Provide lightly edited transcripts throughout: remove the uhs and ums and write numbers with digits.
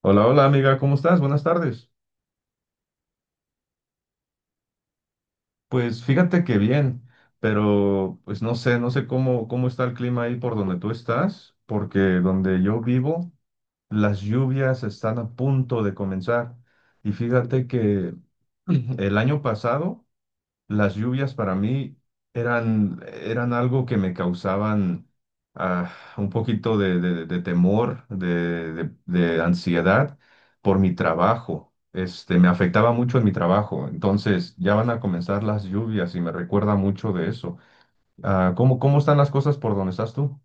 Hola, hola amiga, ¿cómo estás? Buenas tardes. Pues fíjate que bien, pero pues no sé, no sé cómo está el clima ahí por donde tú estás, porque donde yo vivo, las lluvias están a punto de comenzar. Y fíjate que el año pasado las lluvias para mí eran algo que me causaban ah, un poquito de, de temor, de, de ansiedad por mi trabajo. Este, me afectaba mucho en mi trabajo. Entonces, ya van a comenzar las lluvias y me recuerda mucho de eso. ¿Cómo están las cosas por donde estás tú?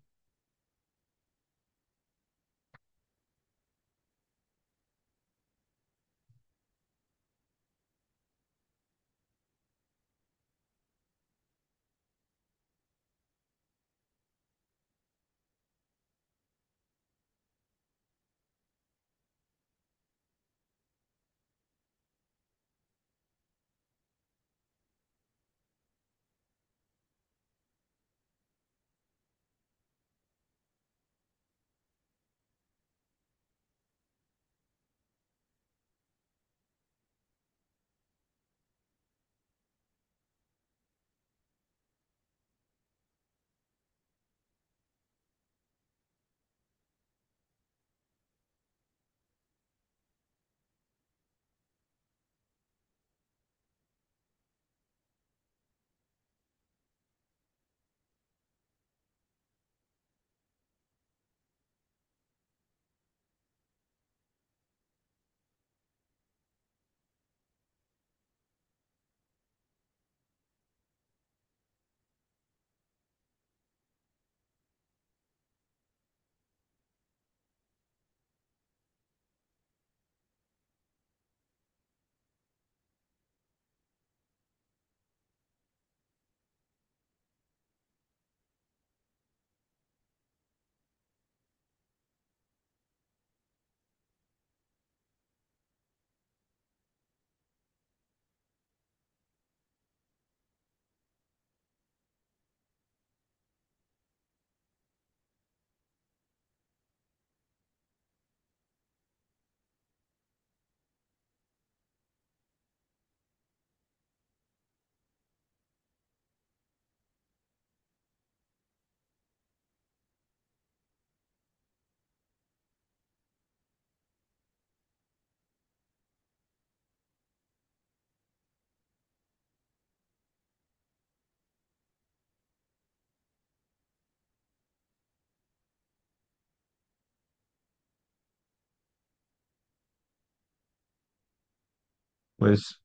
Pues,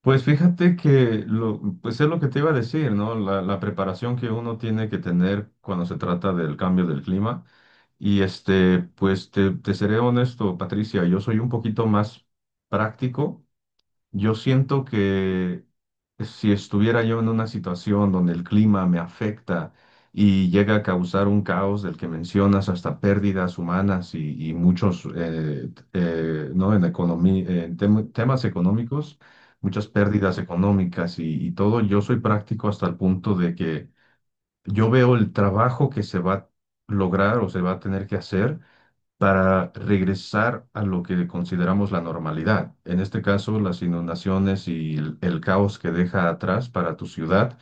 pues fíjate que lo, pues es lo que te iba a decir, ¿no? La preparación que uno tiene que tener cuando se trata del cambio del clima. Y este, pues te seré honesto, Patricia, yo soy un poquito más práctico. Yo siento que si estuviera yo en una situación donde el clima me afecta y llega a causar un caos del que mencionas, hasta pérdidas humanas y muchos, ¿no? En economía, en temas económicos, muchas pérdidas económicas y todo, yo soy práctico hasta el punto de que yo veo el trabajo que se va a lograr o se va a tener que hacer para regresar a lo que consideramos la normalidad. En este caso, las inundaciones y el caos que deja atrás para tu ciudad.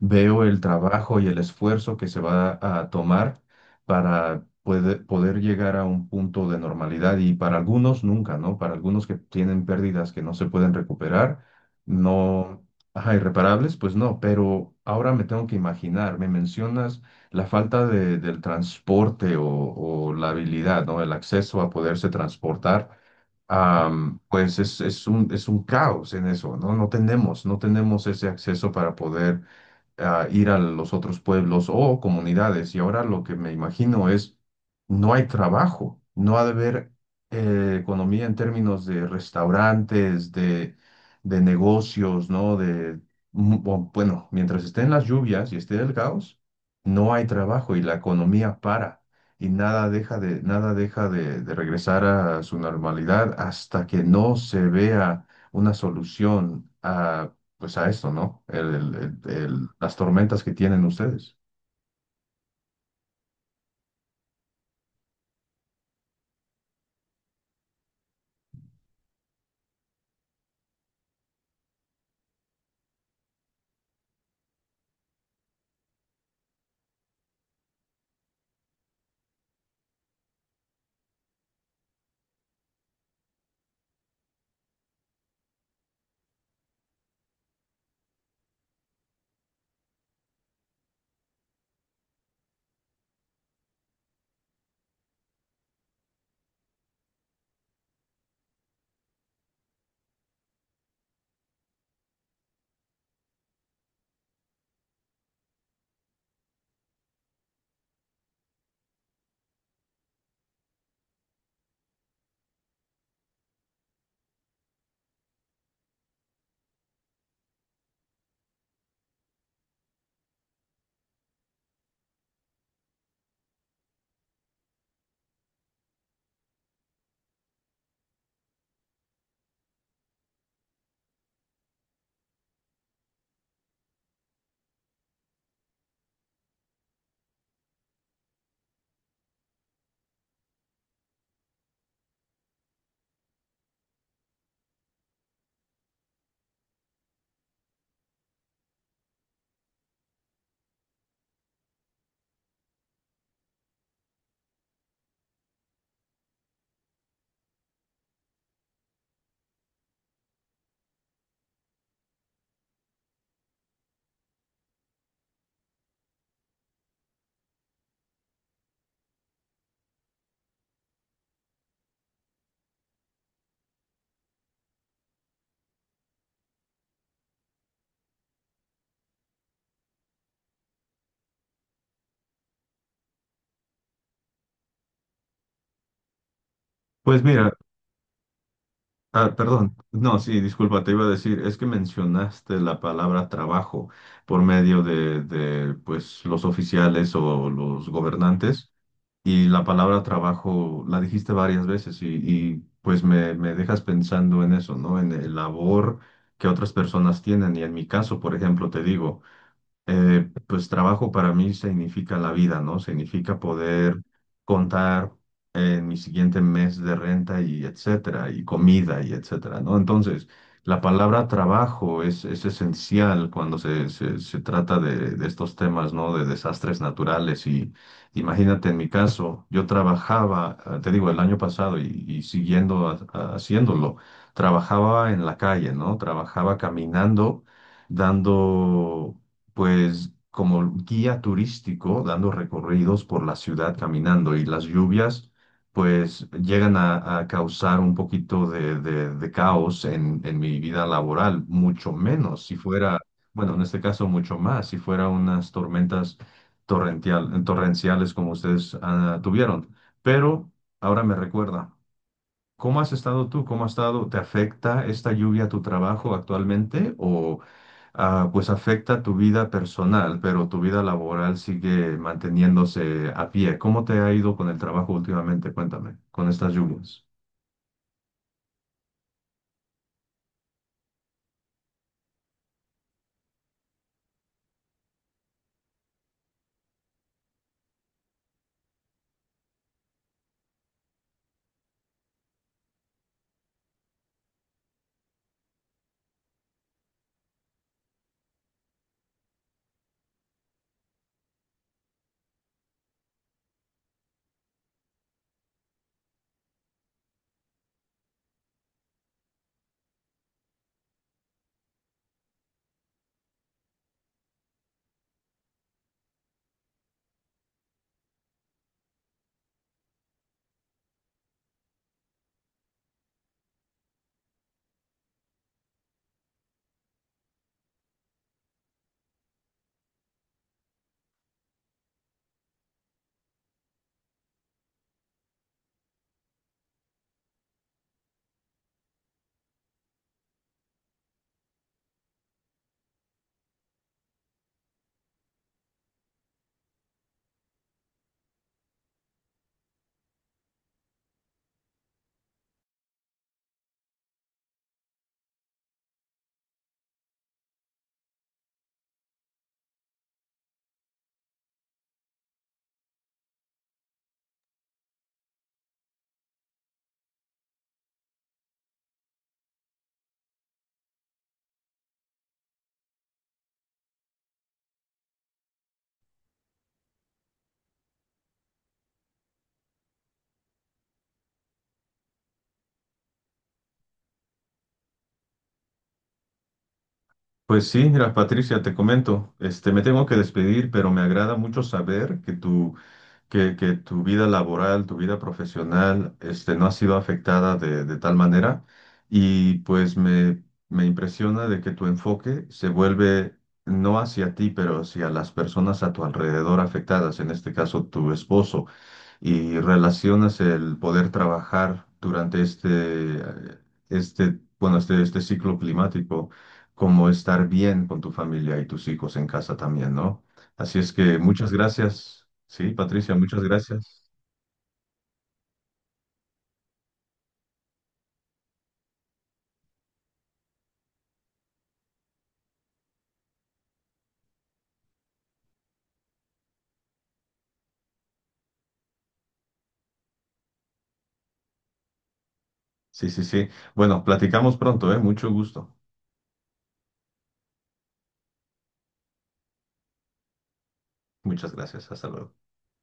Veo el trabajo y el esfuerzo que se va a tomar para poder llegar a un punto de normalidad y para algunos nunca, ¿no? Para algunos que tienen pérdidas que no se pueden recuperar, no, ajá, irreparables, pues no, pero ahora me tengo que imaginar, me mencionas la falta del transporte o la habilidad, ¿no? El acceso a poderse transportar, pues es un caos en eso, ¿no? No tenemos ese acceso para poder a ir a los otros pueblos o comunidades. Y ahora lo que me imagino es, no hay trabajo, no ha de haber economía en términos de restaurantes, de negocios, ¿no? De, o, bueno, mientras estén las lluvias y esté el caos, no hay trabajo y la economía para. Y nada deja de, nada deja de regresar a su normalidad hasta que no se vea una solución a pues a esto, ¿no? Las tormentas que tienen ustedes. Pues mira, perdón, no, sí, disculpa, te iba a decir, es que mencionaste la palabra trabajo por medio de, pues, los oficiales o los gobernantes y la palabra trabajo la dijiste varias veces y, pues me dejas pensando en eso, ¿no? En el labor que otras personas tienen y en mi caso, por ejemplo, te digo. Pues trabajo para mí significa la vida, ¿no? Significa poder contar en mi siguiente mes de renta y etcétera, y comida y etcétera, ¿no? Entonces, la palabra trabajo es esencial cuando se trata de estos temas, ¿no? De desastres naturales y imagínate en mi caso, yo trabajaba, te digo, el año pasado y siguiendo haciéndolo, trabajaba en la calle, ¿no? Trabajaba caminando dando pues como guía turístico, dando recorridos por la ciudad caminando y las lluvias, pues llegan a causar un poquito de, de caos en mi vida laboral, mucho menos si fuera, bueno, en este caso mucho más, si fuera unas tormentas torrenciales como ustedes tuvieron. Pero ahora me recuerda. ¿Cómo has estado tú? ¿Cómo has estado? ¿Te afecta esta lluvia a tu trabajo actualmente? ¿O, pues afecta tu vida personal, pero tu vida laboral sigue manteniéndose a pie? ¿Cómo te ha ido con el trabajo últimamente? Cuéntame, con estas lluvias. Pues sí, mira, Patricia, te comento, este, me tengo que despedir, pero me agrada mucho saber que tu vida laboral, tu vida profesional, este, no ha sido afectada de tal manera. Y pues me impresiona de que tu enfoque se vuelve no hacia ti, pero hacia las personas a tu alrededor afectadas, en este caso tu esposo y relacionas el poder trabajar durante este, eh, este, bueno, este ciclo climático, como estar bien con tu familia y tus hijos en casa también, ¿no? Así es que muchas gracias. Sí, Patricia, muchas gracias. Sí, sí, sí. Bueno, platicamos pronto, ¿eh? Mucho gusto. Muchas gracias. Hasta luego.